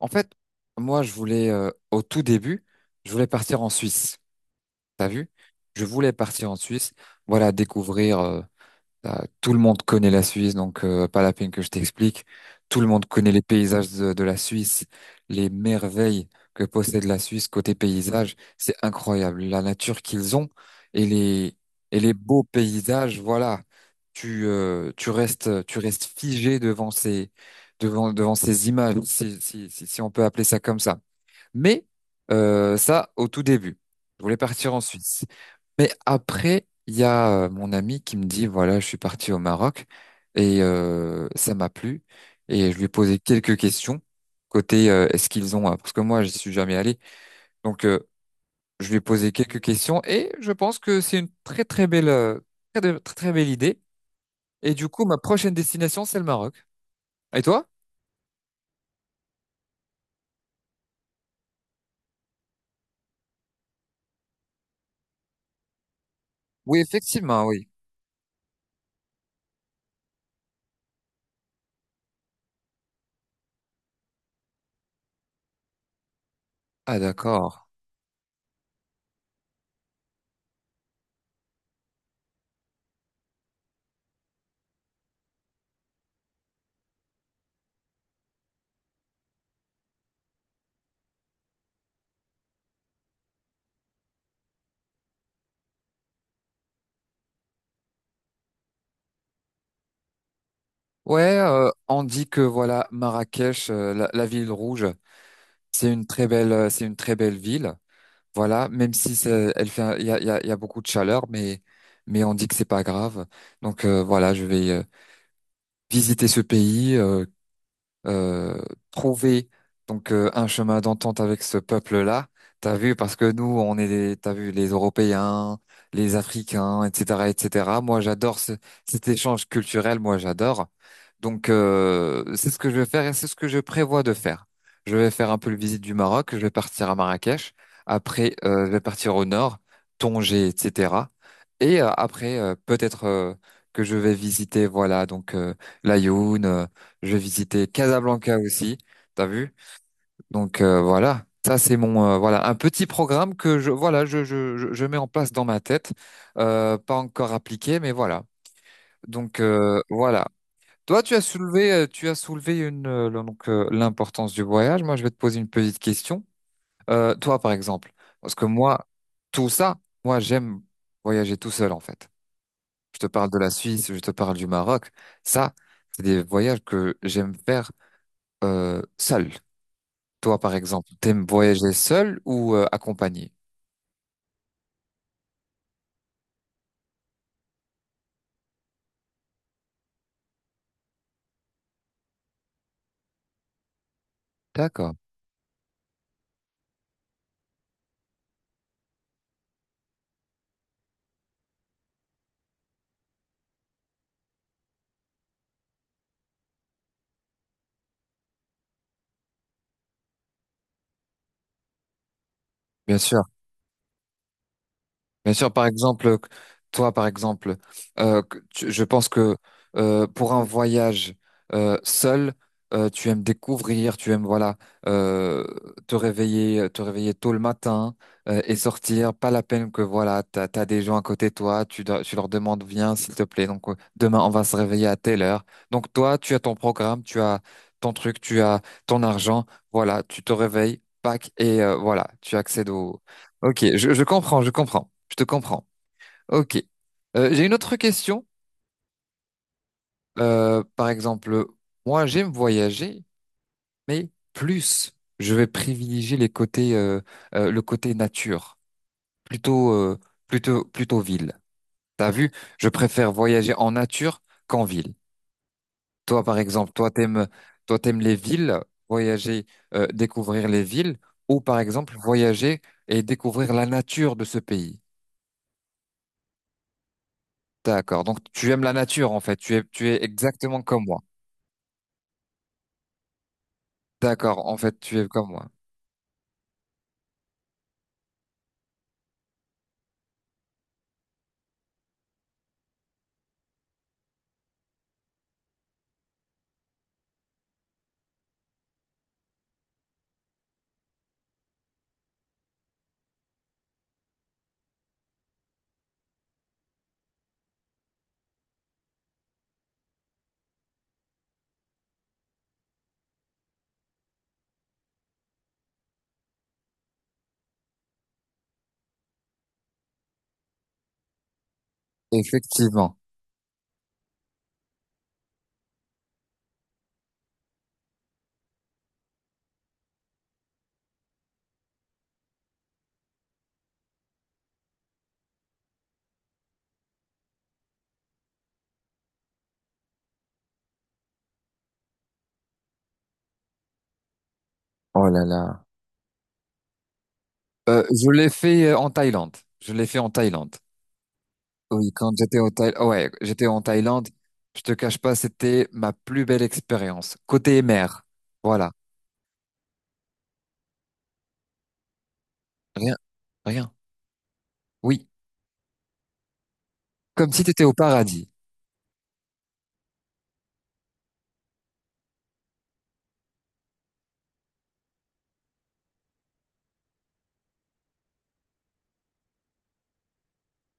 En fait, moi, je voulais, au tout début, je voulais partir en Suisse. T'as vu? Je voulais partir en Suisse, voilà, découvrir, tout le monde connaît la Suisse, pas la peine que je t'explique. Tout le monde connaît les paysages de la Suisse, les merveilles que possède la Suisse côté paysage. C'est incroyable. La nature qu'ils ont et les, et les beaux paysages, voilà. Tu restes figé devant ces images, si on peut appeler ça comme ça. Mais ça, au tout début, je voulais partir en Suisse. Mais après, il y a mon ami qui me dit, voilà, je suis parti au Maroc et ça m'a plu. Et je lui ai posé quelques questions côté est-ce qu'ils ont, parce que moi, je suis jamais allé. Donc, euh, je lui ai posé quelques questions et je pense que c'est une très très belle, très très belle idée. Et du coup, ma prochaine destination, c'est le Maroc. Et toi? Oui, effectivement, oui. Ah, d'accord. Ouais, on dit que voilà Marrakech, la ville rouge, c'est une très belle, c'est une très belle ville. Voilà, même si c'est- elle fait, un- il y a, il y a, il y a beaucoup de chaleur, mais on dit que c'est pas grave. Voilà, je vais visiter ce pays. Euh, trouver donc Un chemin d'entente avec ce peuple-là. T'as vu, parce que nous, on est des, t'as vu, les Européens, les Africains, etc., etc. Cet échange culturel. Moi, j'adore. C'est ce que je vais faire et c'est ce que je prévois de faire. Je vais faire un peu le visite du Maroc. Je vais partir à Marrakech. Après, je vais partir au nord, Tanger, etc. Et après, peut-être que je vais visiter, l'Aïoun. Je visitais Casablanca aussi, t'as vu? Voilà, ça c'est mon voilà un petit programme que je voilà je mets en place dans ma tête, pas encore appliqué mais voilà. Voilà. Toi tu as soulevé une l'importance du voyage. Moi je vais te poser une petite question. Toi par exemple, parce que moi tout ça, moi j'aime voyager tout seul en fait. Je te parle de la Suisse, je te parle du Maroc. Ça c'est des voyages que j'aime faire seul. Toi, par exemple, t'aimes voyager seul ou accompagné? D'accord, bien sûr. Bien sûr, par exemple, je pense que pour un voyage seul, tu aimes découvrir, tu aimes voilà euh, te réveiller tôt le matin et sortir. Pas la peine que voilà, t'as des gens à côté de toi, tu leur demandes viens s'il te plaît. Demain on va se réveiller à telle heure. Donc toi, tu as ton programme, tu as ton truc, tu as ton argent. Voilà, tu te réveilles, pack et voilà, tu accèdes. Je comprends, je comprends, je te comprends. Ok. J'ai une autre question. Par exemple, moi j'aime voyager, mais plus je vais privilégier le côté nature, plutôt, euh, plutôt ville. T'as vu? Je préfère voyager en nature qu'en ville. Toi, par exemple, toi t'aimes les villes, voyager, découvrir les villes, ou par exemple voyager et découvrir la nature de ce pays. D'accord. Donc tu aimes la nature en fait. Tu es exactement comme moi. D'accord. En fait, tu es comme moi. Effectivement. Oh là là. Je l'ai fait en Thaïlande. Je l'ai fait en Thaïlande. Oui, quand j'étais au Thaï... ouais, j'étais en Thaïlande. Je te cache pas, c'était ma plus belle expérience. Côté mer. Voilà. Rien, rien. Oui. Comme si tu étais au paradis.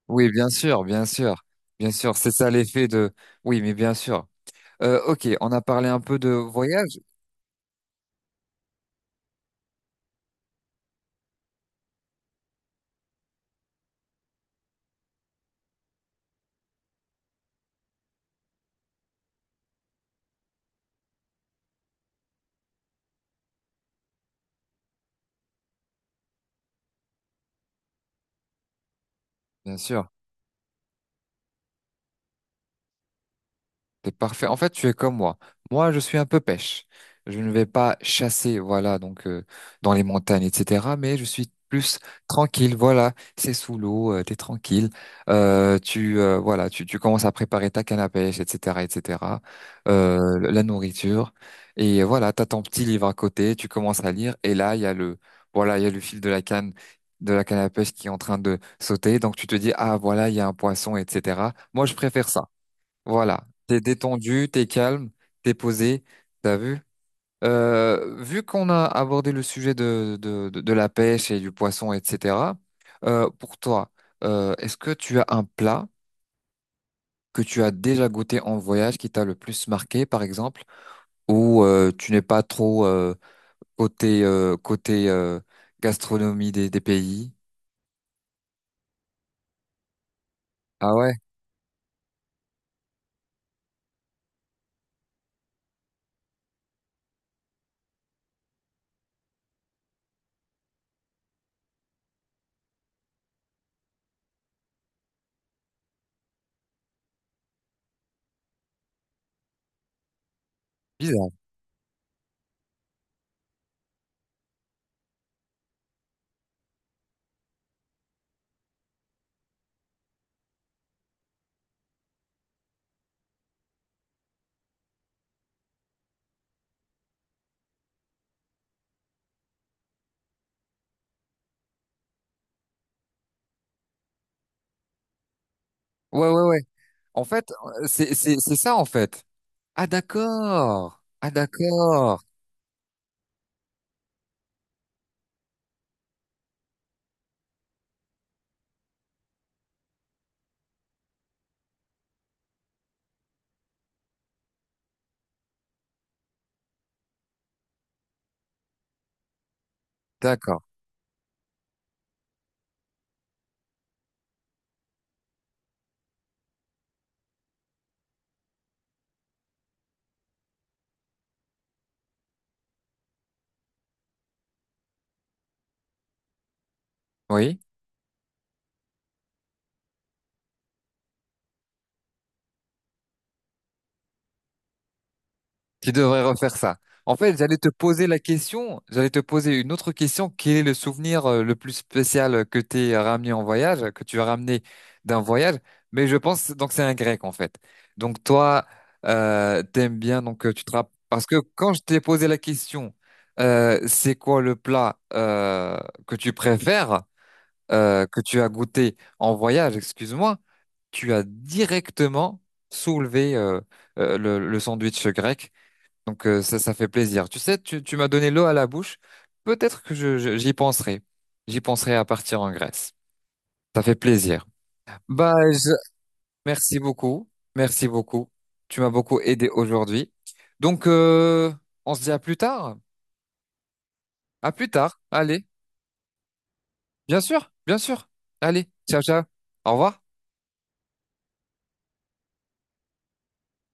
Oui, bien sûr, bien sûr. Bien sûr, c'est ça l'effet de. Oui, mais bien sûr. Ok, on a parlé un peu de voyage. Bien sûr. T'es parfait. En fait, tu es comme moi. Moi, je suis un peu pêche. Je ne vais pas chasser, voilà, dans les montagnes, etc. Mais je suis plus tranquille, voilà. C'est sous l'eau, t'es tranquille. Tu commences à préparer ta canne à pêche, etc., etc. La nourriture et voilà, t'as ton petit livre à côté. Tu commences à lire et là, il y a le fil de la canne à pêche qui est en train de sauter. Donc tu te dis, ah voilà, il y a un poisson, etc. Moi, je préfère ça. Voilà, t'es détendu, t'es calme, t'es posé, t'as vu? Vu qu'on a abordé le sujet de la pêche et du poisson, etc., pour toi, est-ce que tu as un plat que tu as déjà goûté en voyage qui t'a le plus marqué, par exemple, ou tu n'es pas trop côté gastronomie des pays? Ah ouais, bizarre. Ouais, ouais, ouais. En fait, c'est ça, en fait. Ah d'accord, ah d'accord. D'accord. Oui, qui devrait refaire ça. En fait, j'allais te poser la question, j'allais te poser une autre question. Quel est le souvenir le plus spécial que t'es ramené en voyage, que tu as ramené d'un voyage? Mais je pense donc c'est un grec en fait. Donc toi, t'aimes bien parce que quand je t'ai posé la question, c'est quoi le plat que tu préfères que tu as goûté en voyage? Excuse-moi, tu as directement soulevé le sandwich grec. Donc ça, ça fait plaisir. Tu sais, tu m'as donné l'eau à la bouche. Peut-être que j'y penserai. J'y penserai à partir en Grèce. Ça fait plaisir. Bah, je- merci beaucoup. Merci beaucoup. Tu m'as beaucoup aidé aujourd'hui. Donc, euh, on se dit à plus tard. À plus tard. Allez, bien sûr, bien sûr. Allez, ciao, ciao. Au revoir.